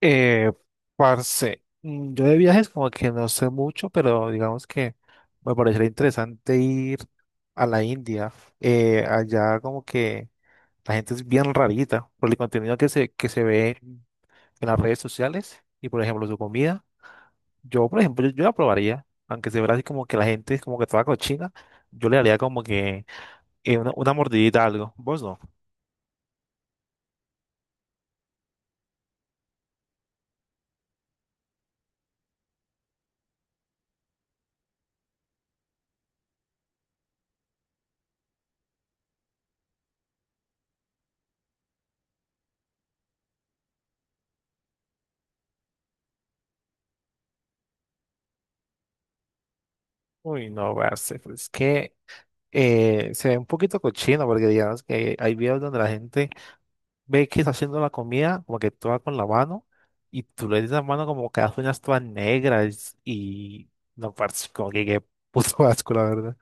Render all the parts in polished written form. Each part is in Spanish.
Eh, parce, yo de viajes como que no sé mucho, pero digamos que me parecería interesante ir a la India. Allá como que la gente es bien rarita por el contenido que se ve en las redes sociales y por ejemplo su comida. Yo, por ejemplo, yo la probaría, aunque se vea así como que la gente es como que toda cochina, yo le daría como que una mordidita a algo. ¿Vos no? Uy, no, parce, pues es que se ve un poquito cochino porque digamos que hay videos donde la gente ve que está haciendo la comida, como que toda con la mano, y tú le dices la mano como que hace unas todas negras y no parece como que qué puto asco, la verdad.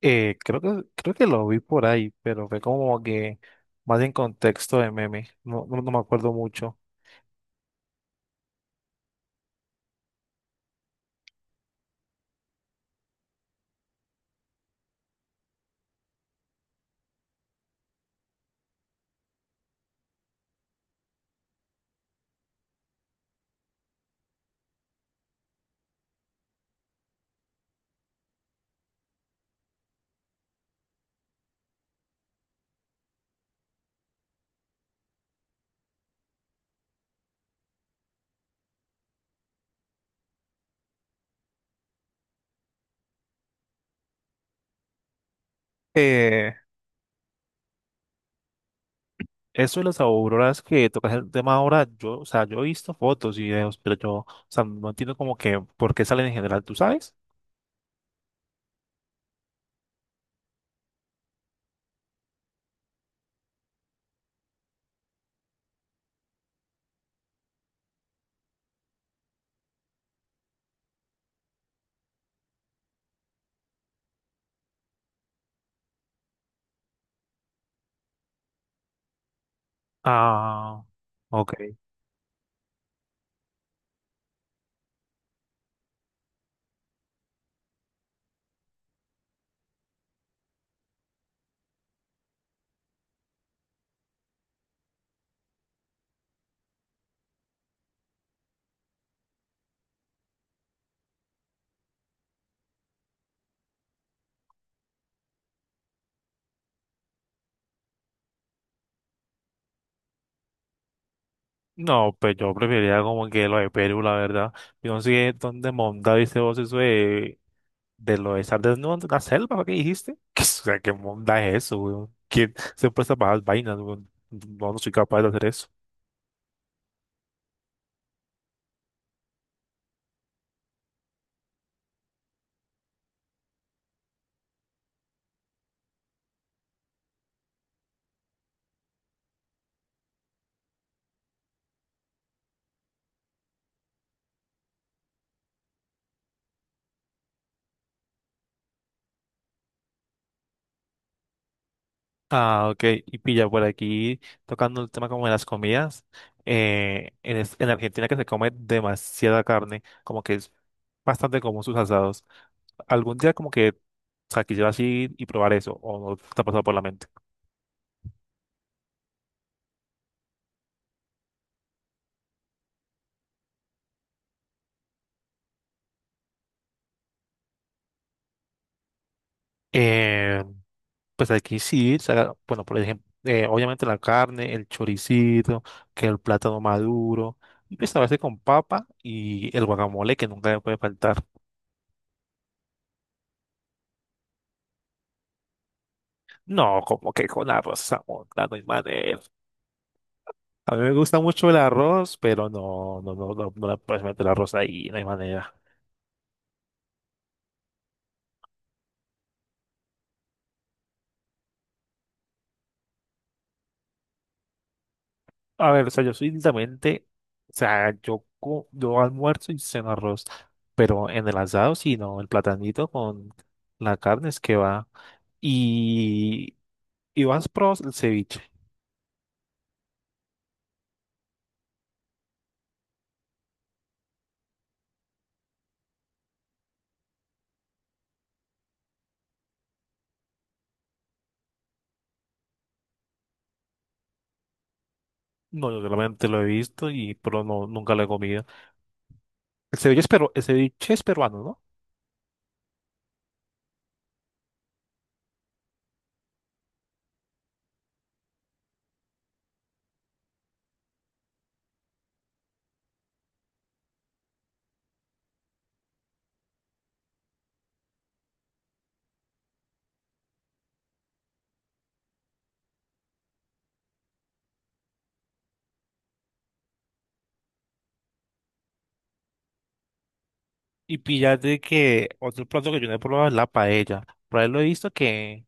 Creo que lo vi por ahí, pero fue como que más en contexto de meme, no me acuerdo mucho. Eh, eso de las auroras que tocas el tema ahora, o sea, yo he visto fotos y videos, pero o sea, no entiendo como que por qué salen en general, ¿tú sabes? Ah, ok. No, pues yo preferiría como que lo de Perú, la verdad. Yo no sé dónde monda dice vos eso de lo de estar desnudo en una selva, ¿lo que dijiste? O sea, ¿qué monda es eso, weón? ¿Quién se presta para esas vainas, weón? No, no soy capaz de hacer eso. Ah, ok. Y pilla por aquí, tocando el tema como de las comidas. En Argentina que se come demasiada carne, como que es bastante común sus asados. Algún día como que, o sea, quisiera así y probar eso, o no te ha pasado por la mente. Pues aquí sí, bueno, por ejemplo, obviamente la carne, el choricito, que el plátano maduro, y pues a veces con papa y el guacamole que nunca me puede faltar. No, como que con arroz Zamunda, no hay manera. A mí me gusta mucho el arroz, pero no le puedes meter arroz ahí, no hay manera. A ver, o sea, yo soy literalmente, o sea, yo, co- yo almuerzo y ceno arroz, pero en el asado sí, no, el platanito con la carne es que va. ¿Y vas probado el ceviche? No, yo realmente lo he visto y pero no nunca lo he comido. El ceviche es peruano, ¿no? Y píllate que otro plato que yo no he probado es la paella. Por ahí lo he visto que,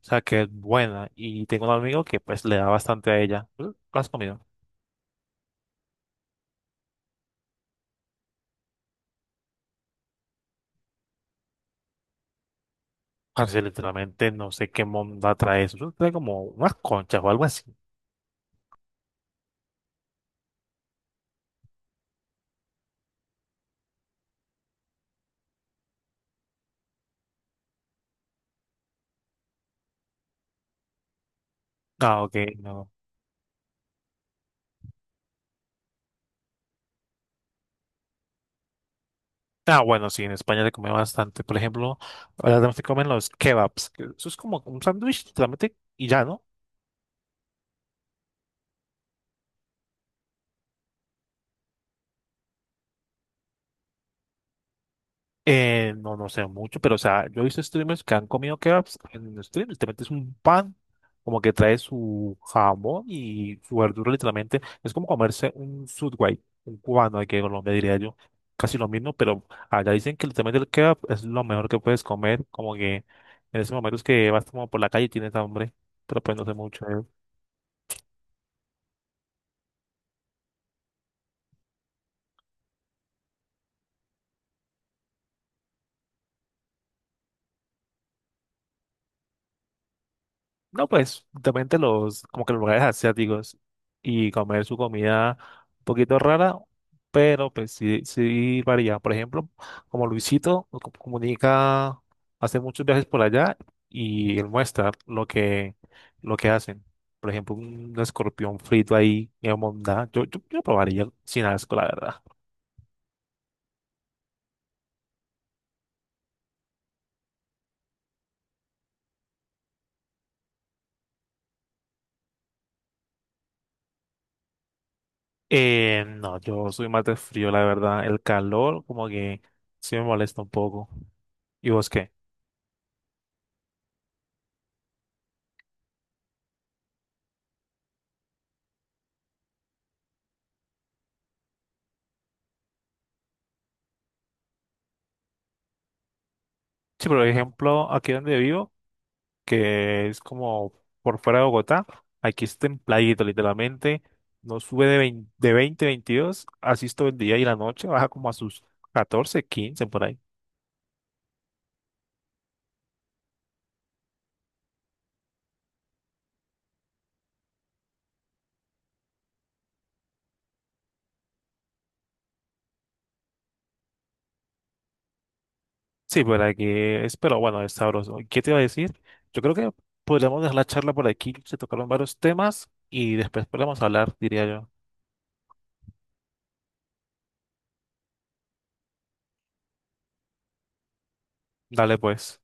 o sea, que es buena. Y tengo un amigo que pues le da bastante a ella. ¿Tú ¿Lo has comido? Parce, literalmente no sé qué monda trae eso. Eso trae como unas conchas o algo así. Ah, ok, no. Ah, bueno, sí, en España se come bastante. Por ejemplo, ahora también se comen los kebabs. Que Eso es como un sándwich, literalmente, y ya, ¿no? No, no sé mucho, pero, o sea, yo he visto streamers que han comido kebabs en stream. Literalmente es un pan, como que trae su jamón y su verdura, literalmente. Es como comerse un Subway, un cubano aquí en Colombia, diría yo. Casi lo mismo, pero allá dicen que literalmente el kebab es lo mejor que puedes comer. Como que en ese momento es que vas como por la calle y tienes hambre, pero pues no sé mucho. No, pues, justamente los, como que los lugares asiáticos y comer su comida un poquito rara, pero pues sí, sí varía. Por ejemplo, como Comunica, hace muchos viajes por allá y él muestra lo que hacen. Por ejemplo, un escorpión frito ahí en Mondá. Yo probaría sin asco, la verdad. No, yo soy más de frío, la verdad. El calor como que sí me molesta un poco. ¿Y vos qué? Sí, por ejemplo, aquí donde vivo, que es como por fuera de Bogotá, aquí es templadito, literalmente, no sube de 20 22 así es todo el día y la noche, baja como a sus 14 15 por ahí. Sí, por aquí es, pero bueno, es sabroso. ¿Y qué te iba a decir? Yo creo que podríamos dejar la charla por aquí, se tocaron varios temas y después podemos hablar, diría yo. Dale pues.